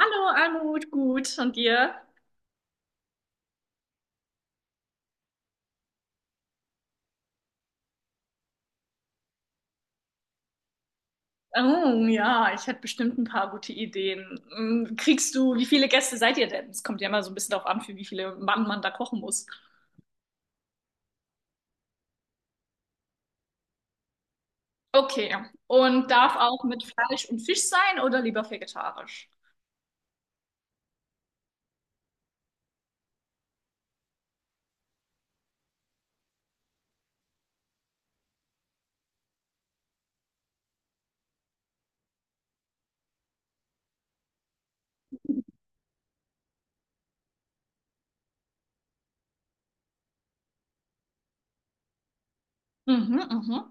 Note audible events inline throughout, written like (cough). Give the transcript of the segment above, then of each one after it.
Hallo, Almut, gut. Und dir? Oh, ja, ich hätte bestimmt ein paar gute Ideen. Wie viele Gäste seid ihr denn? Es kommt ja immer so ein bisschen darauf an, für wie viele Mann man da kochen muss. Okay, und darf auch mit Fleisch und Fisch sein oder lieber vegetarisch? Mhm, mhm.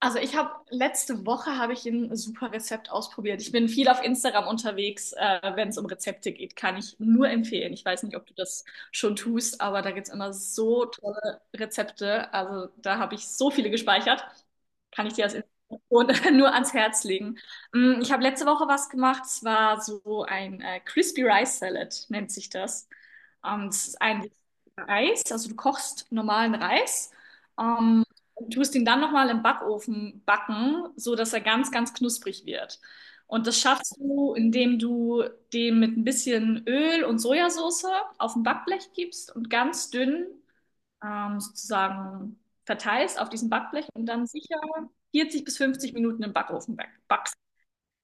Also ich habe letzte Woche habe ich ein super Rezept ausprobiert. Ich bin viel auf Instagram unterwegs, wenn es um Rezepte geht, kann ich nur empfehlen. Ich weiß nicht, ob du das schon tust, aber da gibt's immer so tolle Rezepte. Also da habe ich so viele gespeichert. Kann ich dir als Inspiration (laughs) nur ans Herz legen. Ich habe letzte Woche was gemacht. Es war so ein Crispy Rice Salad, nennt sich das. Es ist eigentlich Reis, also du kochst normalen Reis. Ähm, und tust ihn dann nochmal im Backofen backen, so dass er ganz, ganz knusprig wird. Und das schaffst du, indem du dem mit ein bisschen Öl und Sojasauce auf ein Backblech gibst und ganz dünn sozusagen verteilst auf diesem Backblech und dann sicher 40 bis 50 Minuten im Backofen backst.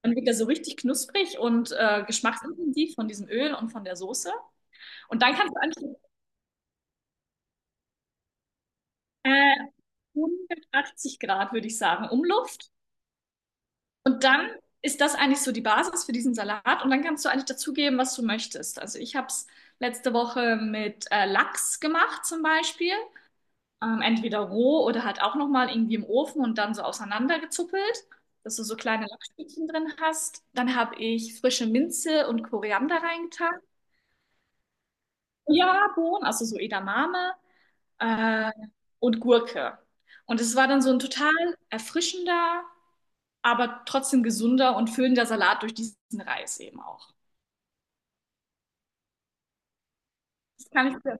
Dann wird er so richtig knusprig und geschmacksintensiv von diesem Öl und von der Soße. Und dann kannst du eigentlich. äh, 180 Grad, würde ich sagen, Umluft. Und dann ist das eigentlich so die Basis für diesen Salat. Und dann kannst du eigentlich dazugeben, was du möchtest. Also ich habe es letzte Woche mit Lachs gemacht zum Beispiel. Entweder roh oder halt auch nochmal irgendwie im Ofen und dann so auseinandergezuppelt, dass du so kleine Lachsstückchen drin hast. Dann habe ich frische Minze und Koriander reingetan. Ja, Bohnen, also so Edamame äh, und Gurke. Und es war dann so ein total erfrischender, aber trotzdem gesunder und füllender Salat durch diesen Reis eben auch. Das kann ich sehr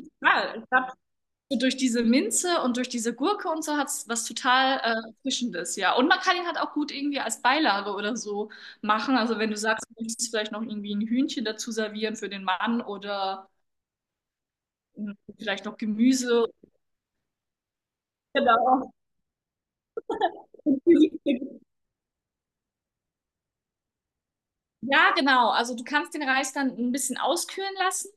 total. Ich glaube, so durch diese Minze und durch diese Gurke und so hat es was total Frischendes, ja. Und man kann ihn halt auch gut irgendwie als Beilage oder so machen. Also wenn du sagst, du möchtest vielleicht noch irgendwie ein Hühnchen dazu servieren für den Mann oder mh, vielleicht noch Gemüse. Genau. Ja, genau. Also du kannst den Reis dann ein bisschen auskühlen lassen.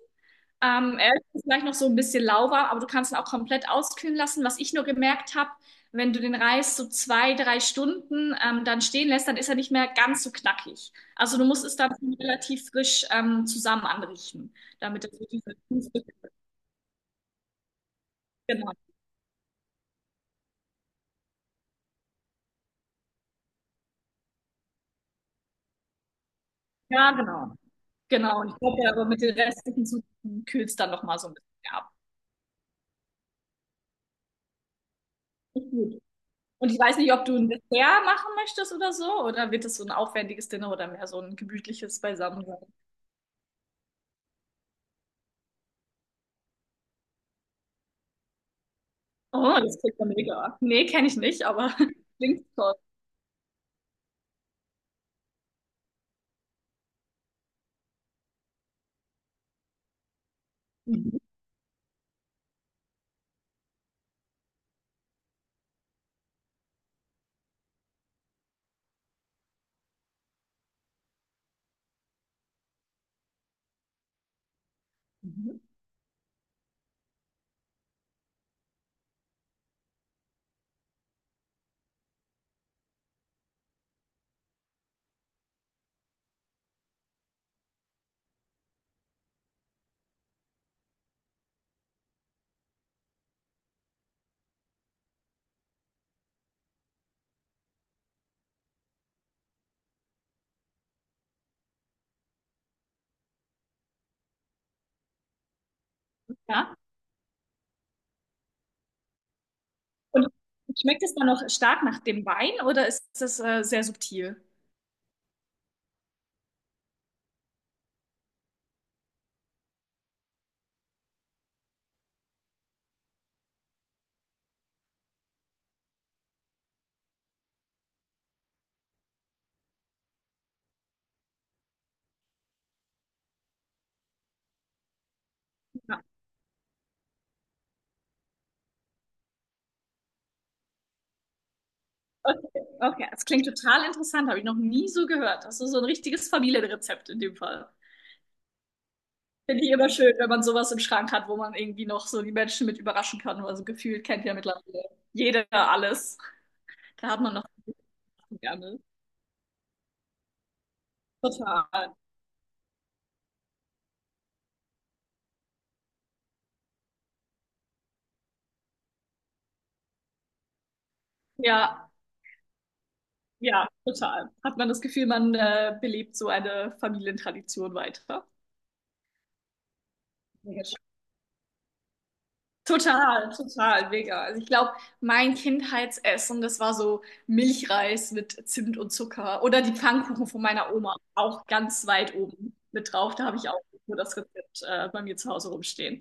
Er ist vielleicht noch so ein bisschen lauwarm, aber du kannst ihn auch komplett auskühlen lassen. Was ich nur gemerkt habe, wenn du den Reis so 2, 3 Stunden dann stehen lässt, dann ist er nicht mehr ganz so knackig. Also du musst es dann schon relativ frisch zusammen anrichten, damit das wirklich genau. Ja, genau. Genau. Und ich glaube, aber mit den restlichen Zutaten kühlt es dann noch mal so ein bisschen ab. Ist gut. Und ich weiß nicht, ob du ein Dessert machen möchtest oder so, oder wird es so ein aufwendiges Dinner oder mehr so ein gemütliches Beisammen? Oh, das klingt ja mega. Nee, kenne ich nicht, aber (laughs) klingt toll. Mhm. Mhm. Ja. Und schmeckt es dann noch stark nach dem Wein oder ist es sehr subtil? Ja. Okay. Okay, das klingt total interessant, habe ich noch nie so gehört. Das ist so ein richtiges Familienrezept in dem Fall. Finde ich immer schön, wenn man sowas im Schrank hat, wo man irgendwie noch so die Menschen mit überraschen kann. Also gefühlt kennt ja mittlerweile jeder alles. Da hat man noch gerne. Total. Ja. Ja, total. Hat man das Gefühl, man belebt so eine Familientradition weiter. Mega schön. Total, total, mega. Also ich glaube, mein Kindheitsessen, das war so Milchreis mit Zimt und Zucker oder die Pfannkuchen von meiner Oma, auch ganz weit oben mit drauf. Da habe ich auch nur das Rezept bei mir zu Hause rumstehen.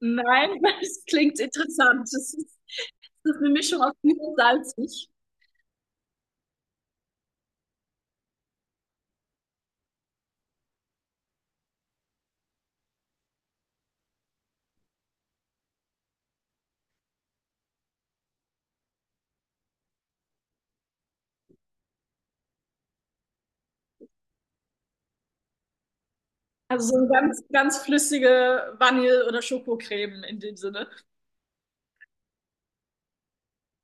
Nein, (laughs) das klingt interessant. Das ist eine Mischung aus süß und salzig. Also so eine ganz, ganz flüssige Vanille- oder Schokocreme in dem Sinne.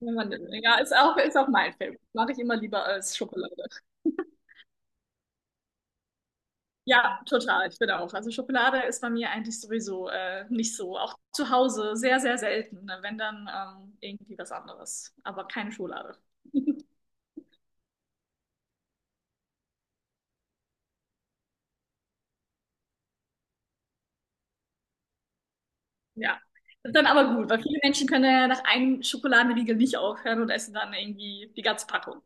Ja, Mandeln. Ja, ist auch mein Film. Mache ich immer lieber als Schokolade. Ja, total. Ich bin auch. Also Schokolade ist bei mir eigentlich sowieso nicht so. Auch zu Hause sehr, sehr selten. Ne? Wenn dann irgendwie was anderes. Aber keine Schokolade. Ja. Das ist dann aber gut, weil viele Menschen können ja nach einem Schokoladenriegel nicht aufhören und essen dann irgendwie die ganze Packung.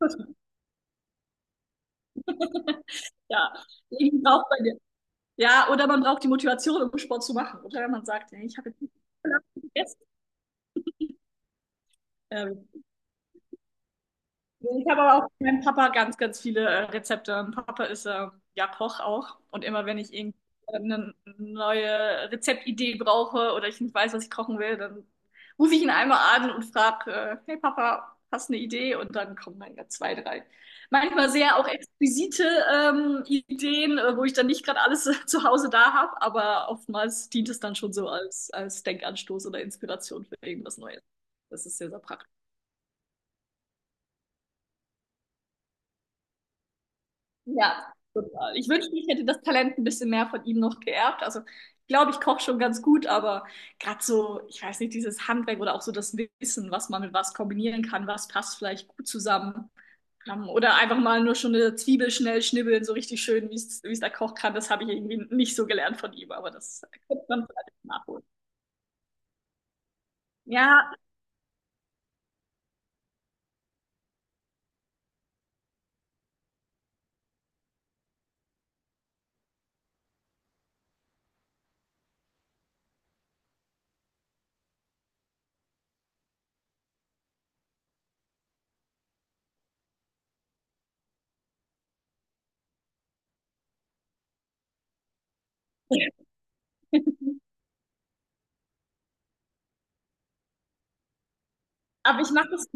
(laughs) Ja. Irgendwie braucht man den. Ja, oder man braucht die Motivation, um Sport zu machen. Oder man sagt, hey, ich habe jetzt nicht gegessen. Ähm, Ich habe aber auch von meinem Papa ganz, ganz viele Rezepte. Mein Papa ist ja Koch auch. Und immer wenn ich irgendwie eine neue Rezeptidee brauche oder ich nicht weiß, was ich kochen will, dann rufe ich ihn einmal an und frage, hey Papa, hast du eine Idee? Und dann kommen dann ja zwei, drei. Manchmal sehr auch exquisite Ideen, wo ich dann nicht gerade alles (laughs) zu Hause da habe, aber oftmals dient es dann schon so als Denkanstoß oder Inspiration für irgendwas Neues. Das ist sehr, sehr praktisch. Ja, total. Ich wünschte, ich hätte das Talent ein bisschen mehr von ihm noch geerbt. Also, ich glaube, ich koche schon ganz gut, aber gerade so, ich weiß nicht, dieses Handwerk oder auch so das Wissen, was man mit was kombinieren kann, was passt vielleicht gut zusammen. Oder einfach mal nur schon eine Zwiebel schnell schnibbeln, so richtig schön, wie es der Koch kann. Das habe ich irgendwie nicht so gelernt von ihm, aber das könnte man vielleicht nachholen. Ja, (laughs) aber ich mache das.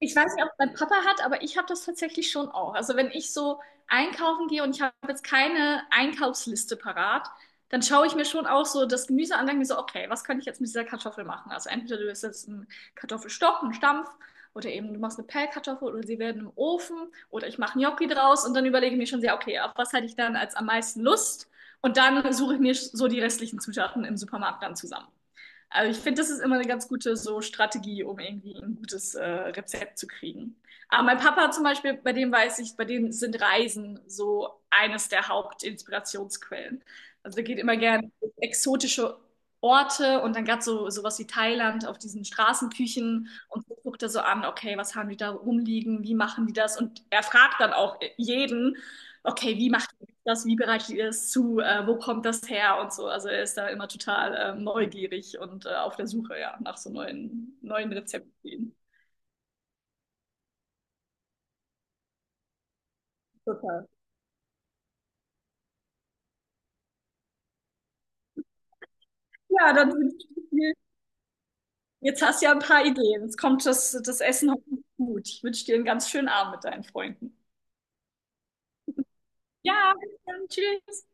Ich weiß nicht, ob mein Papa hat, aber ich habe das tatsächlich schon auch. Also wenn ich so einkaufen gehe und ich habe jetzt keine Einkaufsliste parat, dann schaue ich mir schon auch so das Gemüse an und denke mir so, okay, was kann ich jetzt mit dieser Kartoffel machen? Also entweder du isst jetzt einen Kartoffelstock, einen Stampf oder eben du machst eine Pellkartoffel oder sie werden im Ofen oder ich mache Gnocchi draus und dann überlege ich mir schon sehr, okay, auf was hätte ich dann als am meisten Lust? Und dann suche ich mir so die restlichen Zutaten im Supermarkt dann zusammen. Aber ich finde, das ist immer eine ganz gute so Strategie, um irgendwie ein gutes Rezept zu kriegen. Aber mein Papa zum Beispiel, bei dem weiß ich, bei dem sind Reisen so eines der Hauptinspirationsquellen. Also der geht immer gerne in exotische Orte und dann gerade so sowas wie Thailand auf diesen Straßenküchen und so guckt er so an, okay, was haben die da rumliegen, wie machen die das? Und er fragt dann auch jeden, okay, wie machen das, wie bereitet ihr es zu, wo kommt das her und so. Also er ist da immer total neugierig und auf der Suche ja, nach so neuen, neuen Rezepten. Total. Ja, dann wünsche ich dir, jetzt hast du ja ein paar Ideen. Jetzt kommt das Essen hoffentlich gut. Ich wünsche dir einen ganz schönen Abend mit deinen Freunden. Ja, bis dann. Tschüss.